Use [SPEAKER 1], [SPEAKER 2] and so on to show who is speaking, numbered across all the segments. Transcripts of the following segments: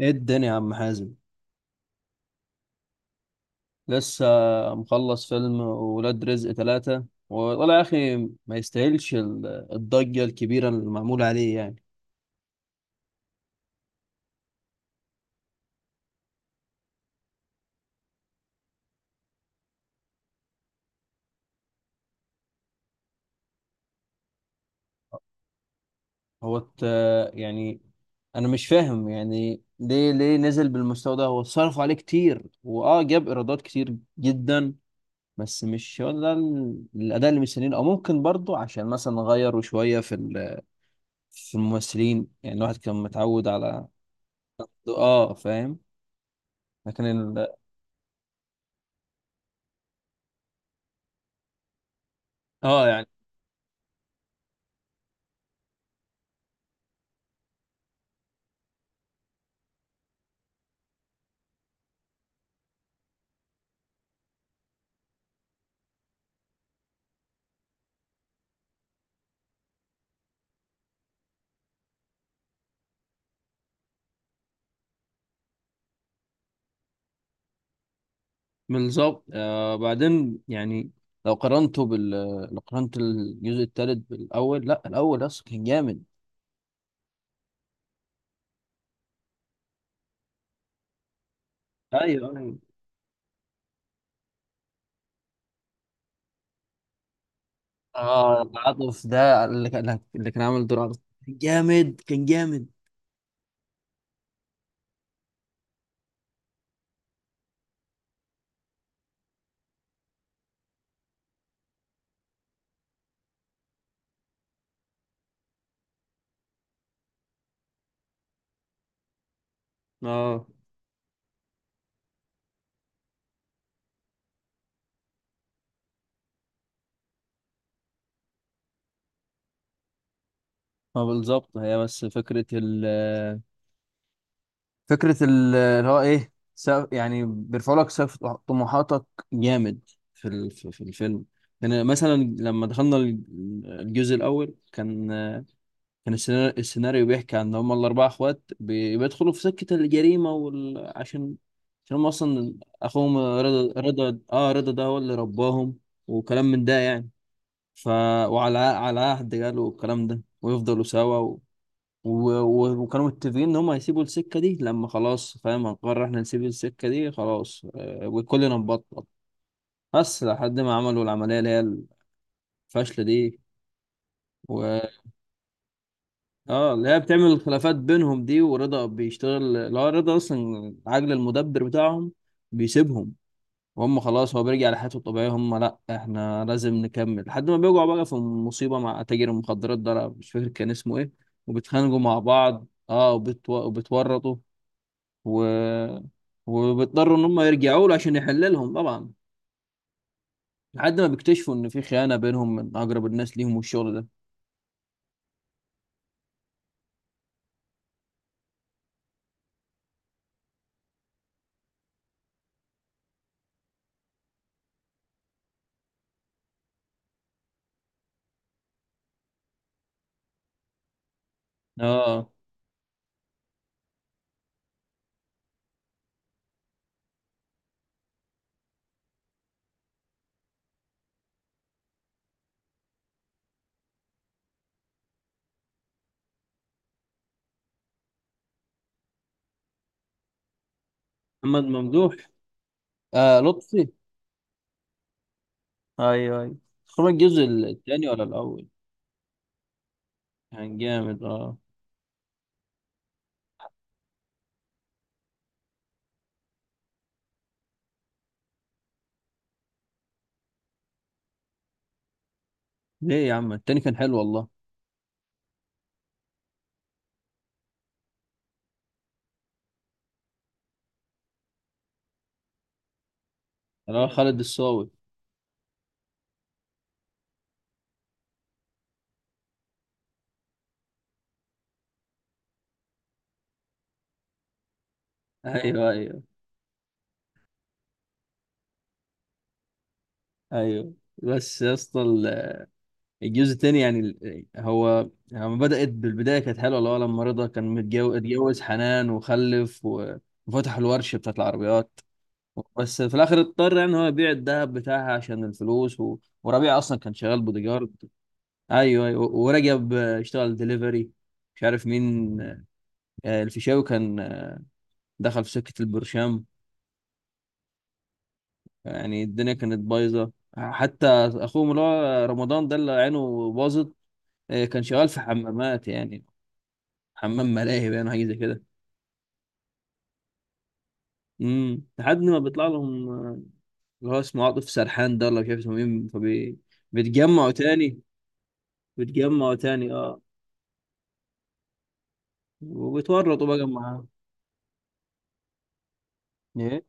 [SPEAKER 1] ايه الدنيا يا عم حازم. لسه مخلص فيلم ولاد رزق 3، والله يا أخي ما يستاهلش الضجة الكبيرة المعمولة عليه يعني. هو الت- يعني أنا مش فاهم يعني ليه نزل بالمستوى ده. هو صرف عليه كتير وأه جاب إيرادات كتير جدا. بس مش هو ده الأداء اللي مستنيينه، أو ممكن برضه عشان مثلا غيروا شوية في في الممثلين. يعني الواحد كان متعود على، آه فاهم. لكن اه يعني. بالظبط، آه بعدين يعني لو قارنته بال لو قارنت الجزء الثالث بالاول. لا الاول اصلا كان جامد. ايوه ايوه. اه العاطف ده اللي كان اللي كان عامل دور عاطف، كان جامد كان جامد. اه ما بالظبط هي. بس فكره ال- اللي هو ايه سقف، يعني بيرفعوا لك سقف طموحاتك، جامد في في الفيلم. يعني مثلا لما دخلنا الجزء الاول كان، كان السيناريو، السيناريو بيحكي عن إن هما الأربعة إخوات بيدخلوا في سكة الجريمة عشان، عشان هما أصلا أخوهم رضا، رضا ده هو اللي رباهم وكلام من ده يعني. ف وعلى عهد قالوا الكلام ده ويفضلوا سوا وكانوا متفقين إن هما هيسيبوا السكة دي لما خلاص فاهم، هنقرر إحنا نسيب السكة دي خلاص، وكلنا نبطل. بس لحد ما عملوا العملية اللي هي الفاشلة دي و... اه اللي هي بتعمل الخلافات بينهم دي. ورضا بيشتغل، اللي هو رضا اصلا عجل المدبر بتاعهم، بيسيبهم. وهم خلاص هو بيرجع لحياته الطبيعية، هم لا احنا لازم نكمل، لحد ما بيقعوا بقى في مصيبة مع تاجر المخدرات ده. أنا مش فاكر كان اسمه ايه. وبيتخانقوا مع بعض اه وبتورطوا و... وبيضطروا ان هم يرجعوا له عشان يحل لهم طبعا، لحد ما بيكتشفوا ان في خيانة بينهم من اقرب الناس ليهم والشغل ده. اه محمد ممدوح، آه لطفي. ايوه ايوه. خروج الجزء الثاني ولا الاول؟ كان جامد اه. ليه يا عم، التاني كان حلو والله. اللي هو خالد الصاوي. ايوه ايوه ايوه. بس يا اسطى الجزء الثاني يعني هو لما بدأت بالبداية كانت حلوة. اللي هو لما رضا كان متجوز، اتجوز حنان وخلف وفتح الورشة بتاعت العربيات. بس في الآخر اضطر يعني هو يبيع الذهب بتاعها عشان الفلوس وربيع أصلا كان شغال بوديجارد. أيوه أيوه. ورجب اشتغل دليفري. مش عارف مين. الفيشاوي كان، دخل في سكة البرشام. يعني الدنيا كانت بايظة. حتى أخوهم اللي هو رمضان ده اللي عينه باظت، كان شغال في حمامات يعني، حمام ملاهي يعني حاجة زي كده. امم، لحد ما بيطلع لهم اللي هو اسمه عاطف سرحان ده، ولا مش عارف اسمه مين. فبيتجمعوا تاني. بيتجمعوا تاني اه، وبيتورطوا بقى معاه. ايه.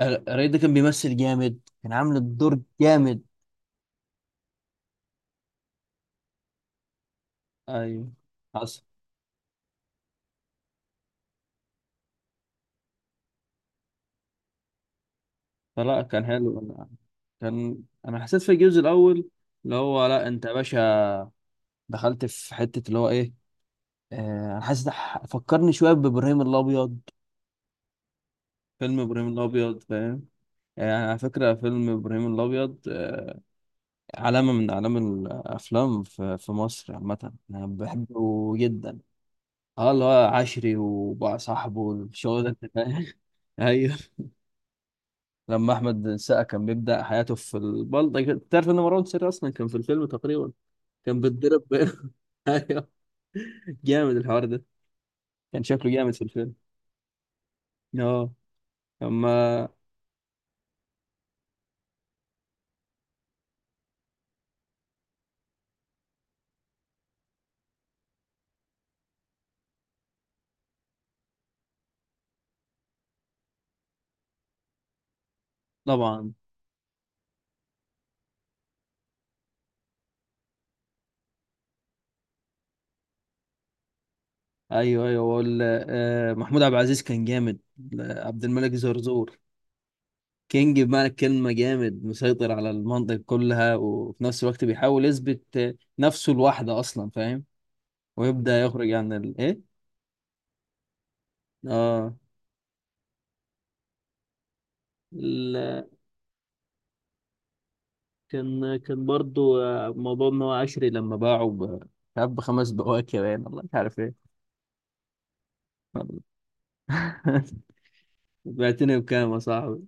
[SPEAKER 1] الرئيس ده كان بيمثل جامد، كان عامل الدور جامد. ايوه. حصل. فلا كان حلو. كان انا حسيت في الجزء الاول اللي هو لا انت يا باشا، دخلت في حته اللي هو ايه، آه، انا حاسس ده فكرني شويه بابراهيم الابيض، فيلم ابراهيم الابيض فاهم. يعني على فكره فيلم ابراهيم الابيض، علامه من اعلام الافلام في مصر عامه، انا بحبه جدا. اه اللي هو عشري وبقى صاحبه والشغل ده انت فاهم. ايوه، لما احمد السقا كان بيبدا حياته في البلطجه. تعرف ان مروان سري اصلا كان في الفيلم تقريبا، كان بيتضرب ايوه، جامد الحوار ده، كان شكله جامد في الفيلم اه. اما طبعا. ايوه ايوه محمود عبد العزيز كان جامد. عبد الملك زرزور، كينج بمعنى الكلمة، جامد مسيطر على المنطقة كلها، وفي نفس الوقت بيحاول يثبت نفسه لوحده أصلا فاهم، ويبدأ يخرج عن الإيه؟ آه ال- كان برضو موضوع إن هو عشري لما باعه مش عارف بخمس بواكي باين، والله مش عارف إيه. بعتني بكام يا صاحبي؟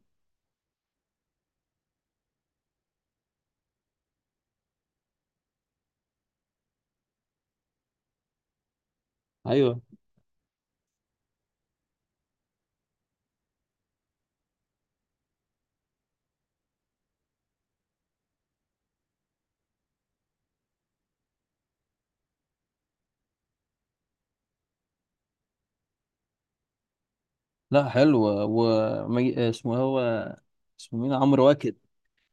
[SPEAKER 1] ايوه. لا حلو. و اسمه إيه هو؟ اسمه مين؟ عمرو واكد.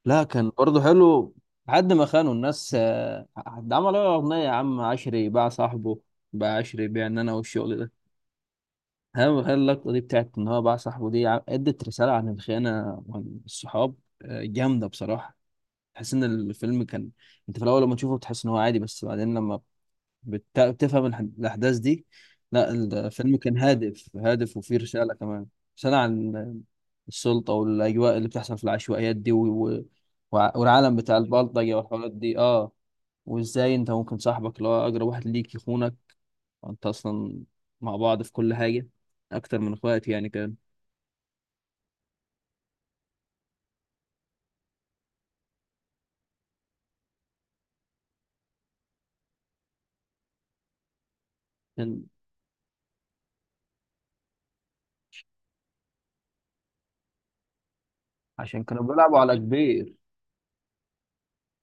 [SPEAKER 1] لا كان برضه حلو لحد ما خانوا الناس. ده عمل له اغنيه يا عم، عشري باع صاحبه، باع عشري بيع ان انا والشغل ده. هل اللقطه دي بتاعت ان هو باع صاحبه دي، ادت رساله عن الخيانه وعن الصحاب. جامده بصراحه. تحس ان الفيلم كان، انت في الاول لما تشوفه بتحس ان هو عادي، بس بعدين لما بتفهم الأحداث دي، لا الفيلم كان هادف، هادف وفيه رسالة كمان. رسالة عن السلطة والأجواء اللي بتحصل في العشوائيات دي والعالم بتاع البلطجة والحوارات دي اه، وازاي انت ممكن صاحبك اللي هو أقرب واحد ليك يخونك، انت أصلا مع بعض في كل حاجة، أكتر من اخواتي يعني كان. كان- عشان كانوا بيلعبوا على كبير.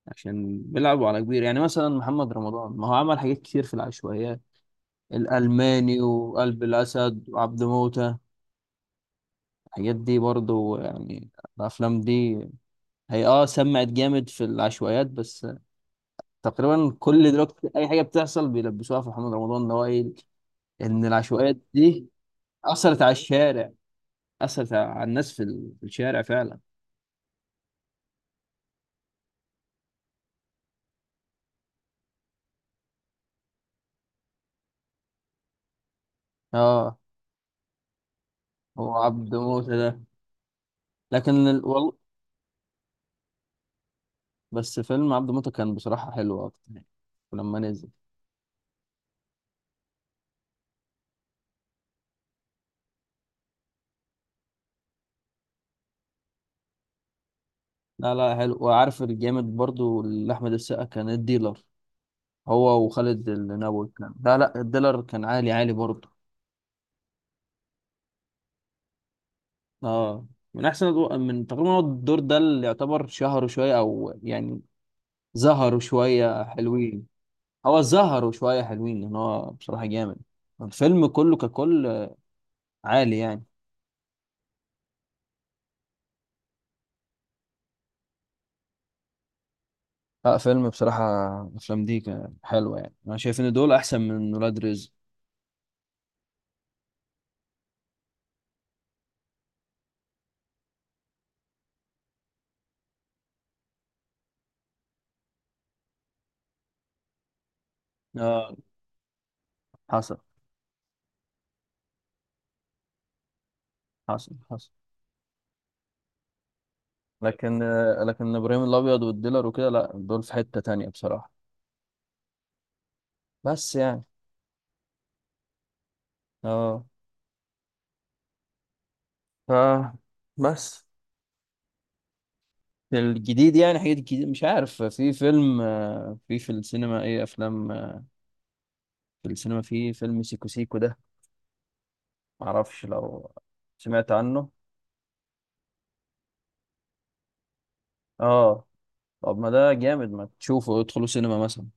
[SPEAKER 1] عشان بيلعبوا على كبير، يعني مثلا محمد رمضان، ما هو عمل حاجات كتير في العشوائيات، الألماني وقلب الأسد وعبد موتة. الحاجات دي برضو يعني، الافلام دي، هي اه سمعت جامد في العشوائيات. بس تقريبا كل دلوقتي اي حاجه بتحصل بيلبسوها في محمد رمضان، ان هو ايه ان العشوائيات دي اثرت على الشارع، اثرت على الناس في في الشارع فعلا. اه هو عبد موتة ده، لكن والله بس فيلم عبد موتة كان بصراحه حلو اكتر يعني لما نزل. لا لا حلو. وعارف الجامد برضو اللي احمد السقا كان الديلر، هو وخالد النبوي كان، لا لا الديلر كان عالي عالي برضو اه. من احسن من تقريبا هو الدور ده اللي يعتبر شهروا شويه، او يعني ظهروا شويه حلوين. هو ظهروا شويه حلوين لان هو بصراحه جامد، الفيلم كله ككل عالي يعني. لا فيلم بصراحه، افلام دي كان حلوه يعني. انا شايف ان دول احسن من ولاد رزق اه. حصل حصل حصل. لكن لكن ابراهيم الابيض والديلر وكده، لا دول في حته تانية بصراحه. بس يعني اه ف بس الجديد يعني حاجات جديدة. مش عارف في فيلم، في في السينما، ايه افلام، في السينما، في فيلم سيكو سيكو ده، معرفش لو سمعت عنه. اه طب ما ده جامد، ما تشوفه، ادخلوا سينما مثلا.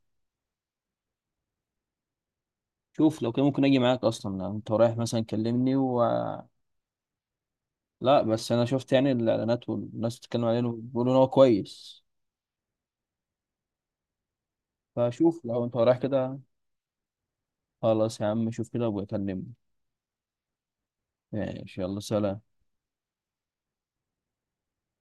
[SPEAKER 1] شوف لو كان ممكن اجي معاك، اصلا انت رايح مثلا كلمني و، لا بس انا شفت يعني الاعلانات، والناس بتتكلم عليه وبيقولوا ان هو كويس. فشوف لو انت رايح كده. خلاص يا عم شوف كده وبكلمني. ماشي يلا سلام.